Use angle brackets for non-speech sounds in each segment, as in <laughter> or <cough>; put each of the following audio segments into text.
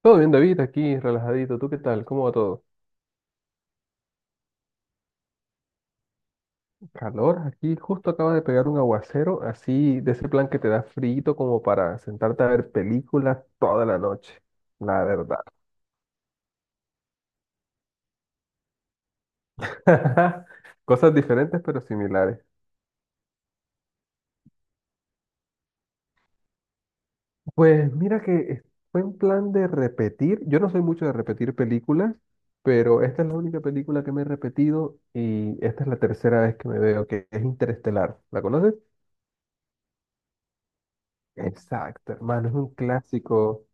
Todo bien, David, aquí relajadito. ¿Tú qué tal? ¿Cómo va todo? Calor, aquí justo acaba de pegar un aguacero, así de ese plan que te da frío como para sentarte a ver películas toda la noche. La verdad. <laughs> Cosas diferentes pero similares. Pues mira que fue un plan de repetir. Yo no soy mucho de repetir películas, pero esta es la única película que me he repetido y esta es la tercera vez que me veo, que es Interestelar. ¿La conoces? Exacto, hermano, es un clásico.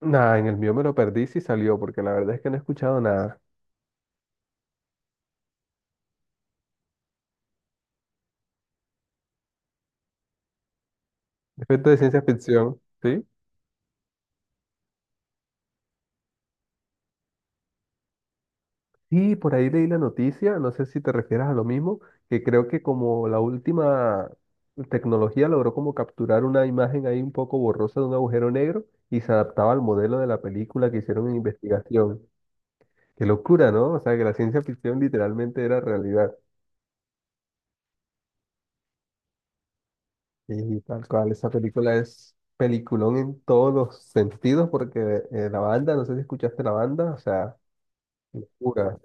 Nada, en el mío me lo perdí si salió, porque la verdad es que no he escuchado nada. Respecto de ciencia ficción, ¿sí? Sí, por ahí leí la noticia, no sé si te refieres a lo mismo, que creo que como la última tecnología logró como capturar una imagen ahí un poco borrosa de un agujero negro y se adaptaba al modelo de la película que hicieron en investigación. Qué locura, ¿no? O sea, que la ciencia ficción literalmente era realidad. Y tal cual, esa película es peliculón en todos los sentidos, porque la banda, no sé si escuchaste la banda, o sea... Locura.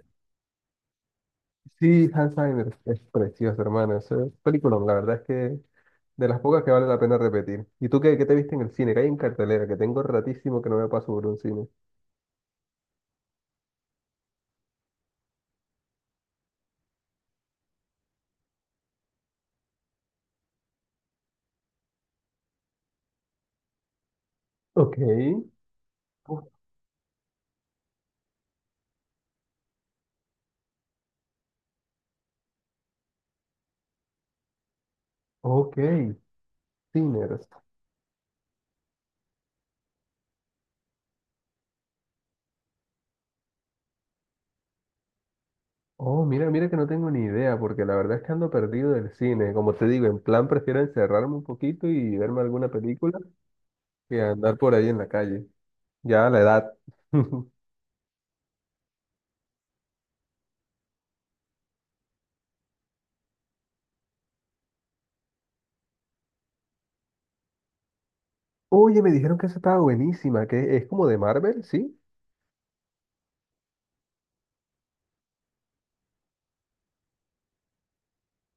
Sí, Alzheimer es preciosa, hermano. Esa película, la verdad es que de las pocas que vale la pena repetir. ¿Y tú qué, qué te viste en el cine? Que hay en cartelera, que tengo ratísimo que no me paso por un cine. Ok. Uf. Ok. Sinners. Oh, mira, mira que no tengo ni idea, porque la verdad es que ando perdido del cine. Como te digo, en plan prefiero encerrarme un poquito y verme alguna película que andar por ahí en la calle. Ya la edad. <laughs> Oye, me dijeron que esa estaba buenísima, que es como de Marvel, ¿sí?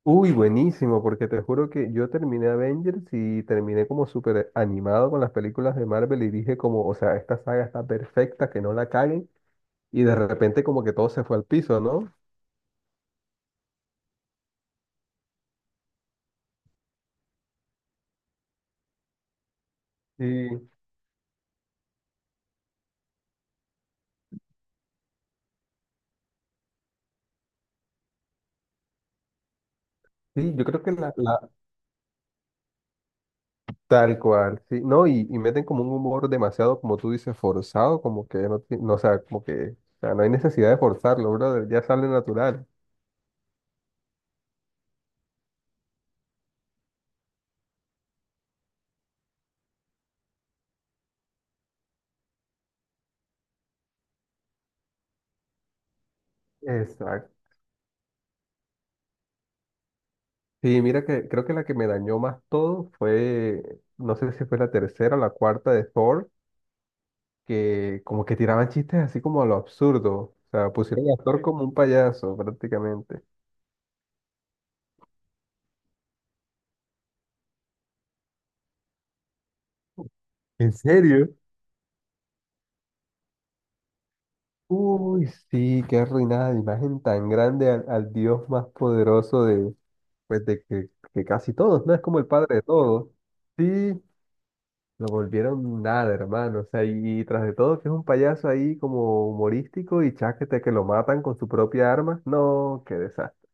Uy, buenísimo, porque te juro que yo terminé Avengers y terminé como súper animado con las películas de Marvel y dije como, o sea, esta saga está perfecta, que no la caguen, y de repente como que todo se fue al piso, ¿no? Sí, sí, yo creo que tal cual, sí, no, y meten como un humor demasiado, como tú dices, forzado, como que no, no, o sea, como que, o sea, no hay necesidad de forzarlo, brother, ya sale natural. Exacto. Sí, mira que creo que la que me dañó más todo fue, no sé si fue la tercera o la cuarta de Thor, que como que tiraban chistes así como a lo absurdo. O sea, pusieron al actor como un payaso prácticamente. ¿En serio? Uy, sí, qué arruinada de imagen tan grande al, al Dios más poderoso de, pues de que casi todos, ¿no? Es como el padre de todos. Sí, lo volvieron nada, hermano. O sea, y tras de todo que es un payaso ahí como humorístico y cháquete que lo matan con su propia arma. No, qué desastre.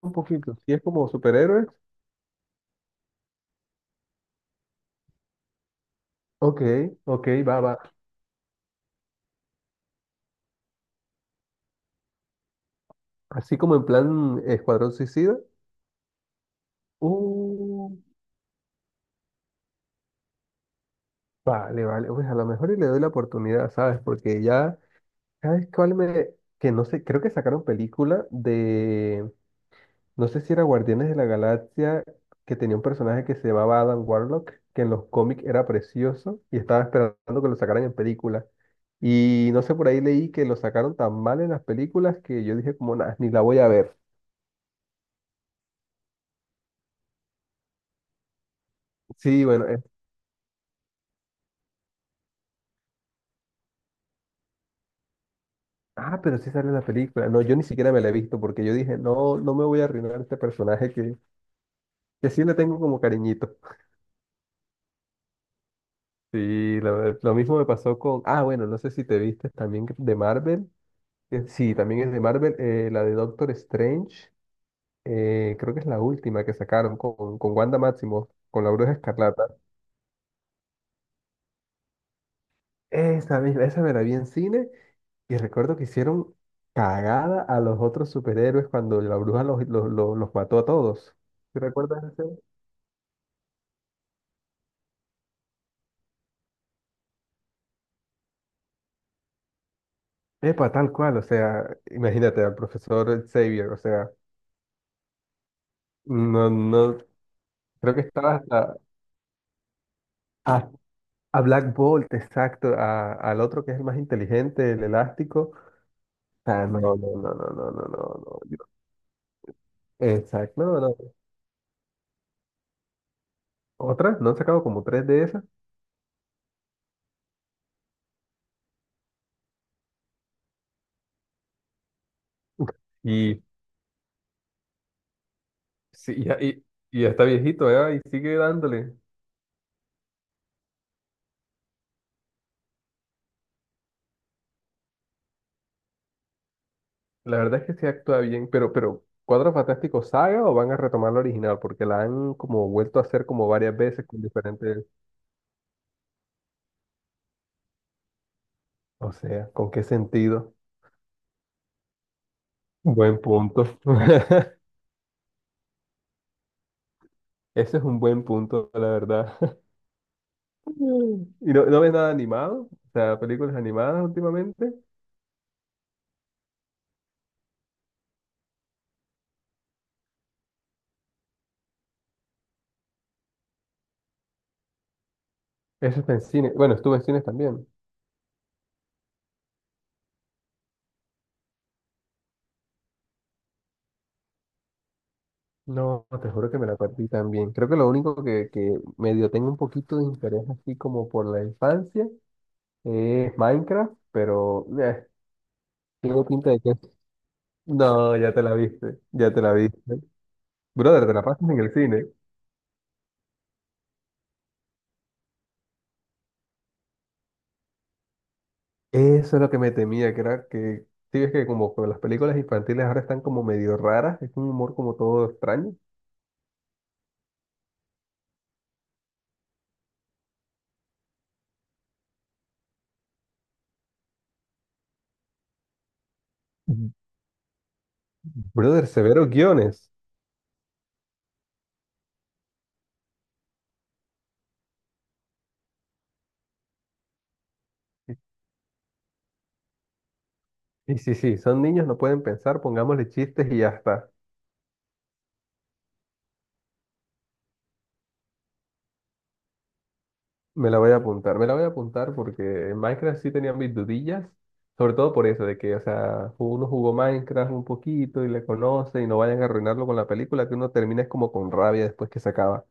Un poquito. Sí, es como superhéroes, ok, ok, va, va. Así como en plan Escuadrón Suicida. Uh, vale, vale. Pues a lo mejor y le doy la oportunidad, ¿sabes? Porque ya, ¿sabes cuál me...? Que no sé, creo que sacaron película de... No sé si era Guardianes de la Galaxia, que tenía un personaje que se llamaba Adam Warlock, que en los cómics era precioso y estaba esperando que lo sacaran en película. Y no sé, por ahí leí que lo sacaron tan mal en las películas que yo dije como, nada, ni la voy a ver. Sí, bueno. Ah, pero sí sale en la película. No, yo ni siquiera me la he visto porque yo dije, no, no me voy a arruinar este personaje que sí le tengo como cariñito. Sí, lo mismo me pasó con, ah, bueno, no sé si te viste también de Marvel. Que sí, también es de Marvel, la de Doctor Strange. Creo que es la última que sacaron con Wanda Maximoff, con la Bruja Escarlata. Esa misma, esa me la vi en cine y recuerdo que hicieron cagada a los otros superhéroes cuando la bruja los mató a todos. ¿Te recuerdas? Epa, tal cual, o sea, imagínate al profesor Xavier, o sea, no, no, creo que estaba hasta a, a Black Bolt, exacto, al otro que es el más inteligente, el elástico, o no, no, no, no, no, no, no, no, exacto, no, no, otra, no han sacado como tres de esas, y, sí, y, y ya está viejito, ¿eh? Y sigue dándole, la verdad es que sí actúa bien, pero, ¿Cuatro Fantásticos saga o van a retomar la original? Porque la han como vuelto a hacer como varias veces con diferentes, o sea, ¿con qué sentido? Buen punto. <laughs> Ese es un buen punto, la verdad. <laughs> ¿Y no, no ves nada animado? O sea, películas animadas últimamente. Eso está en cine. Bueno, estuve en cines también. No, te juro que me la perdí también. Creo que lo único que medio tengo un poquito de interés así como por la infancia es Minecraft, pero tengo pinta de que... No, ya te la viste, ya te la viste. Brother, te la pasas en el cine. Eso es lo que me temía, que era que, sí, ves que como que las películas infantiles ahora están como medio raras, es un humor como todo extraño. Mm. Brother, severos guiones. Y sí, sí, son niños, no pueden pensar, pongámosle chistes y ya está. Me la voy a apuntar, me la voy a apuntar porque en Minecraft sí tenía mis dudillas, sobre todo por eso, de que, o sea, uno jugó Minecraft un poquito y le conoce y no vayan a arruinarlo con la película, que uno termina es como con rabia después que se acaba.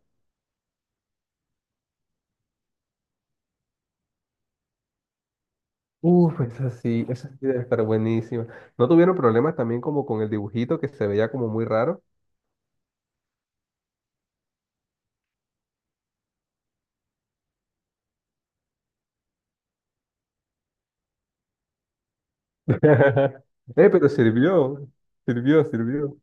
Uf, esa sí debe estar buenísima. ¿No tuvieron problemas también como con el dibujito que se veía como muy raro? <laughs> Pero sirvió, sirvió, sirvió.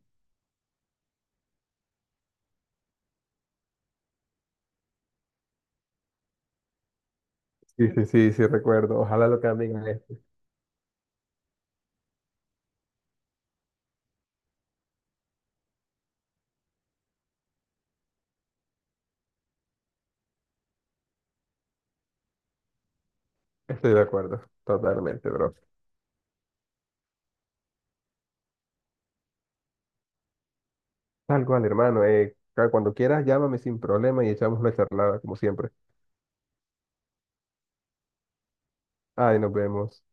Sí, sí, sí, sí, recuerdo. Ojalá lo cambien a esto. Estoy de acuerdo, totalmente, bro. Tal cual, hermano. Cuando quieras, llámame sin problema y echamos una charlada, como siempre. Ay, nos vemos.